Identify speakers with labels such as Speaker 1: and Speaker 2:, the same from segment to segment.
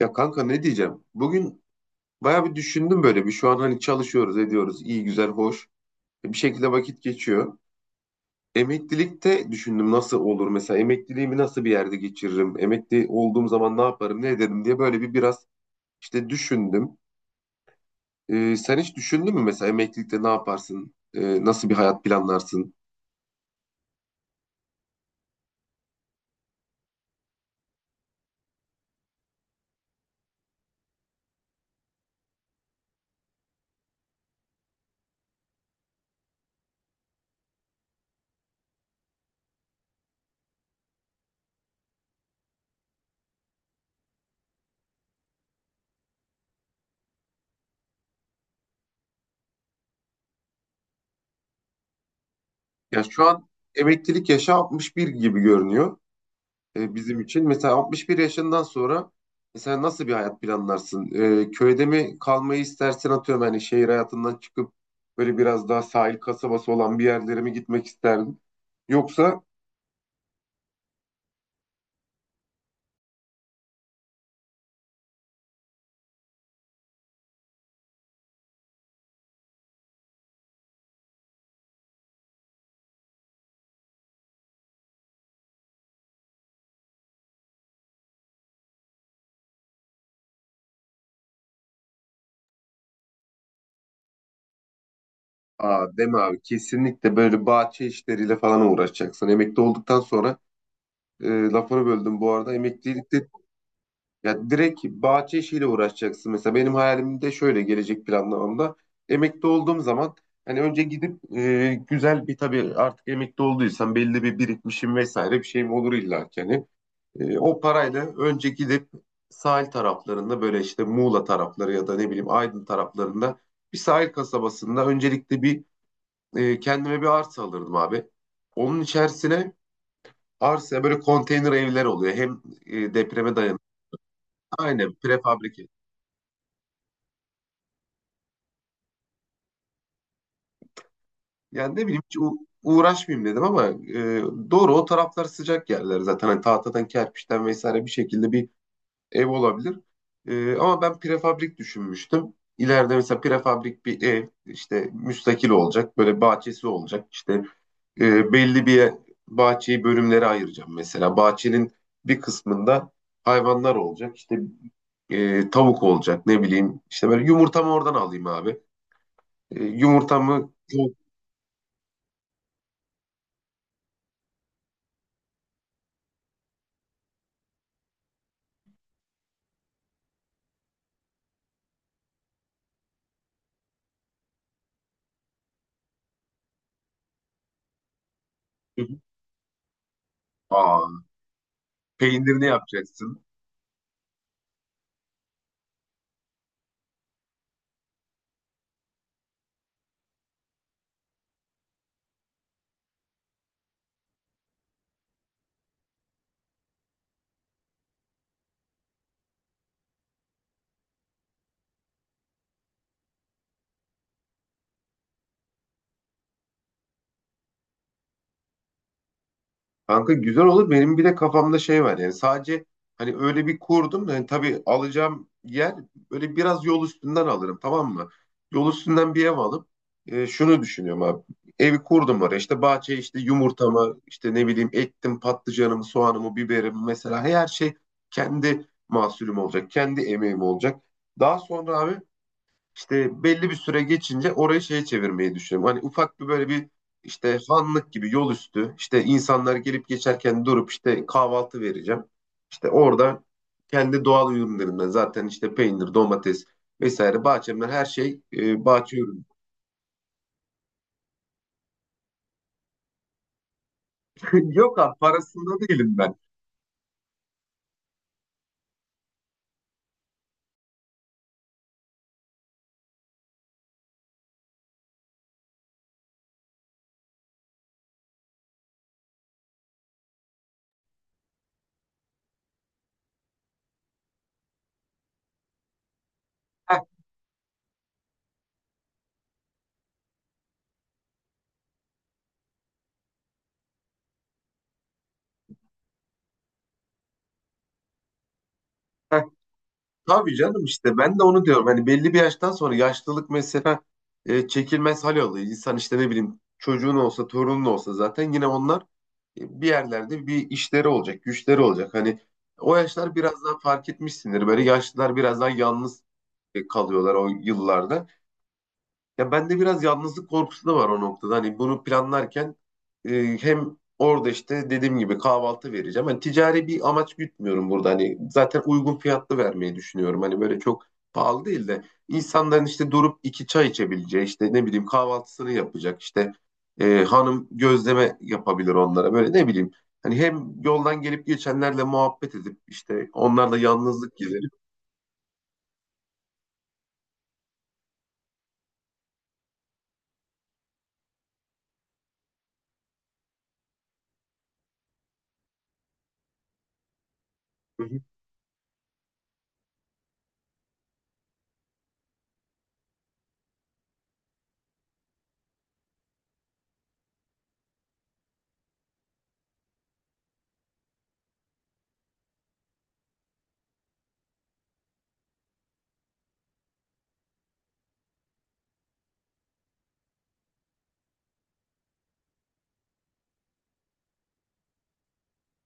Speaker 1: Ya kanka, ne diyeceğim? Bugün bayağı bir düşündüm böyle, bir şu an hani çalışıyoruz ediyoruz, iyi güzel hoş. E, bir şekilde vakit geçiyor. Emeklilikte düşündüm, nasıl olur mesela, emekliliğimi nasıl bir yerde geçiririm? Emekli olduğum zaman ne yaparım ne ederim diye böyle bir biraz işte düşündüm. Sen hiç düşündün mü mesela emeklilikte ne yaparsın? Nasıl bir hayat planlarsın? Ya, şu an emeklilik yaşı 61 gibi görünüyor, bizim için. Mesela 61 yaşından sonra mesela nasıl bir hayat planlarsın? Köyde mi kalmayı istersin, atıyorum hani şehir hayatından çıkıp böyle biraz daha sahil kasabası olan bir yerlere mi gitmek isterdin? Yoksa... Aa, deme abi, kesinlikle böyle bahçe işleriyle falan uğraşacaksın emekli olduktan sonra. Lafını böldüm bu arada. Emeklilik... Ya, direkt bahçe işiyle uğraşacaksın. Mesela benim hayalimde şöyle, gelecek planlamamda: emekli olduğum zaman hani önce gidip güzel bir, tabii artık emekli olduysam belli bir birikmişim vesaire bir şeyim olur illa ki hani. O parayla önce gidip sahil taraflarında böyle işte Muğla tarafları ya da ne bileyim Aydın taraflarında bir sahil kasabasında öncelikle bir kendime bir arsa alırdım abi. Onun içerisine, arsa böyle konteyner evler oluyor. Hem depreme dayanıklı. Aynen, prefabrik. Yani ne bileyim, hiç uğraşmayayım dedim ama doğru, o taraflar sıcak yerler zaten. Hani tahtadan, kerpiçten vesaire bir şekilde bir ev olabilir. Ama ben prefabrik düşünmüştüm. İleride mesela prefabrik bir ev işte müstakil olacak. Böyle bahçesi olacak. İşte belli bir bahçeyi bölümlere ayıracağım mesela. Bahçenin bir kısmında hayvanlar olacak. İşte tavuk olacak ne bileyim. İşte böyle yumurtamı oradan alayım abi. Yumurtamı. Hı hı. Aa, peynirini yapacaksın. Kanka, güzel olur. Benim bir de kafamda şey var, yani sadece hani öyle bir kurdum da, hani tabii alacağım yer böyle biraz yol üstünden alırım, tamam mı? Yol üstünden bir ev alıp şunu düşünüyorum abi. Evi kurdum oraya, işte bahçeye işte yumurtamı, işte ne bileyim ektim patlıcanımı, soğanımı, biberimi, mesela her şey kendi mahsulüm olacak, kendi emeğim olacak. Daha sonra abi işte belli bir süre geçince orayı şeye çevirmeyi düşünüyorum. Hani ufak bir böyle bir işte hanlık gibi, yol üstü işte insanlar gelip geçerken durup işte kahvaltı vereceğim. İşte orada kendi doğal ürünlerimden, zaten işte peynir, domates vesaire bahçemden her şey, bahçe ürünü. Yok abi, parasında değilim ben. Heh, heh. Tabii canım, işte ben de onu diyorum. Hani belli bir yaştan sonra yaşlılık mesela çekilmez hal oluyor. İnsan işte ne bileyim, çocuğun olsa torunun olsa zaten yine onlar bir yerlerde bir işleri olacak, güçleri olacak. Hani o yaşlar biraz daha fark etmişsindir. Böyle yaşlılar biraz daha yalnız kalıyorlar o yıllarda. Ya, bende biraz yalnızlık korkusu da var o noktada. Hani bunu planlarken hem orada işte dediğim gibi kahvaltı vereceğim. Hani ticari bir amaç gütmüyorum burada. Hani zaten uygun fiyatlı vermeyi düşünüyorum. Hani böyle çok pahalı değil de insanların işte durup iki çay içebileceği, işte ne bileyim kahvaltısını yapacak, işte hanım gözleme yapabilir onlara böyle, ne bileyim. Hani hem yoldan gelip geçenlerle muhabbet edip işte, onlarla yalnızlık giderip. Hı hı.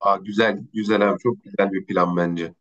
Speaker 1: Aa, güzel güzel abi, çok güzel bir plan bence.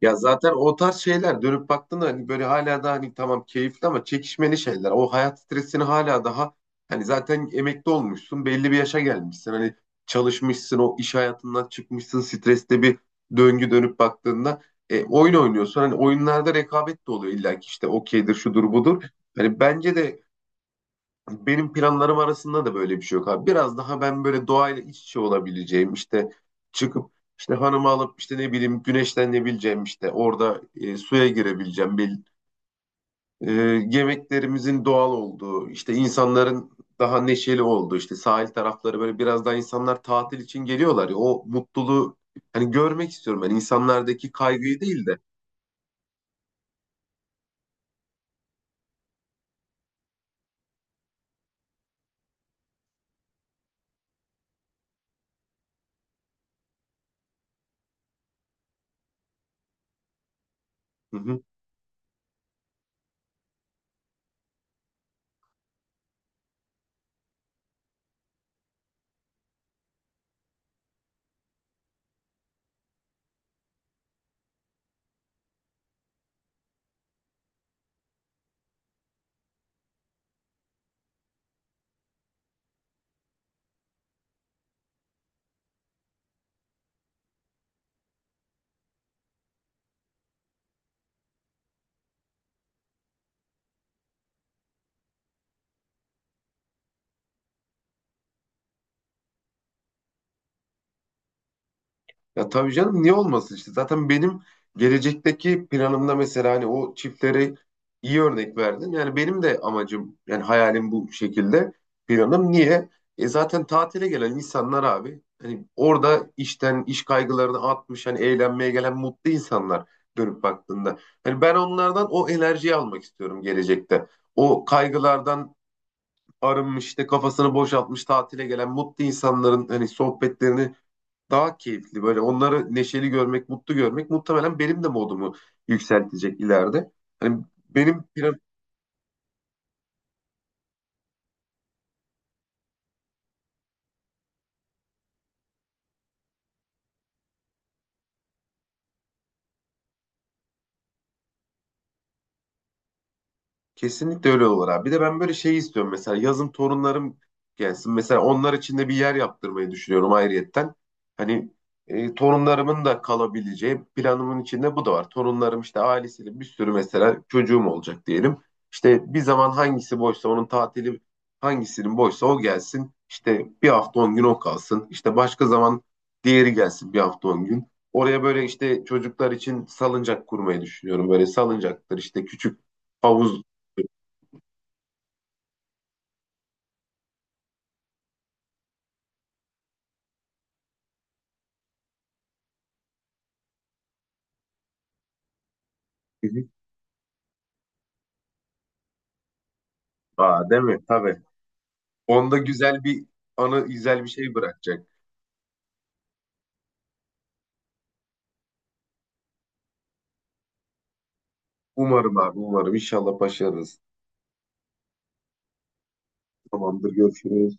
Speaker 1: Ya, zaten o tarz şeyler dönüp baktığında hani böyle hala da, hani tamam keyifli ama çekişmeli şeyler. O hayat stresini hala daha hani zaten emekli olmuşsun, belli bir yaşa gelmişsin. Hani çalışmışsın, o iş hayatından çıkmışsın, streste bir döngü dönüp baktığında oyun oynuyorsun. Hani oyunlarda rekabet de oluyor illa ki, işte okeydir, şudur budur. Hani bence de benim planlarım arasında da böyle bir şey yok abi. Biraz daha ben böyle doğayla iç içe olabileceğim, işte çıkıp işte hanımı alıp, işte ne bileyim güneşlenebileceğim, işte orada suya girebileceğim bir, e, yemeklerimizin doğal olduğu, işte insanların daha neşeli olduğu, işte sahil tarafları, böyle biraz daha insanlar tatil için geliyorlar ya, o mutluluğu hani görmek istiyorum ben, insanlardaki kaygıyı değil de. Hı hı. Ya, tabii canım, niye olmasın işte. Zaten benim gelecekteki planımda mesela hani o çiftlere iyi örnek verdin. Yani benim de amacım, yani hayalim bu şekilde, planım. Niye? E, zaten tatile gelen insanlar abi, hani orada işten, iş kaygılarını atmış, hani eğlenmeye gelen mutlu insanlar dönüp baktığında. Hani ben onlardan o enerjiyi almak istiyorum gelecekte. O kaygılardan arınmış, işte kafasını boşaltmış tatile gelen mutlu insanların hani sohbetlerini daha keyifli, böyle onları neşeli görmek, mutlu görmek muhtemelen benim de modumu yükseltecek ileride. Hani benim plan-. Kesinlikle öyle olur abi. Bir de ben böyle şey istiyorum. Mesela yazın torunlarım gelsin. Mesela onlar için de bir yer yaptırmayı düşünüyorum ayrıyetten. Hani torunlarımın da kalabileceği planımın içinde bu da var. Torunlarım işte ailesiyle, bir sürü mesela çocuğum olacak diyelim. İşte bir zaman hangisi boşsa onun tatili, hangisinin boşsa o gelsin. İşte bir hafta 10 gün o kalsın. İşte başka zaman diğeri gelsin bir hafta 10 gün. Oraya böyle işte çocuklar için salıncak kurmayı düşünüyorum. Böyle salıncaktır, işte küçük havuz. Fizik. Aa, değil mi? Tabii. Onda güzel bir anı, güzel bir şey bırakacak. Umarım abi, umarım. İnşallah başarırız. Tamamdır, görüşürüz.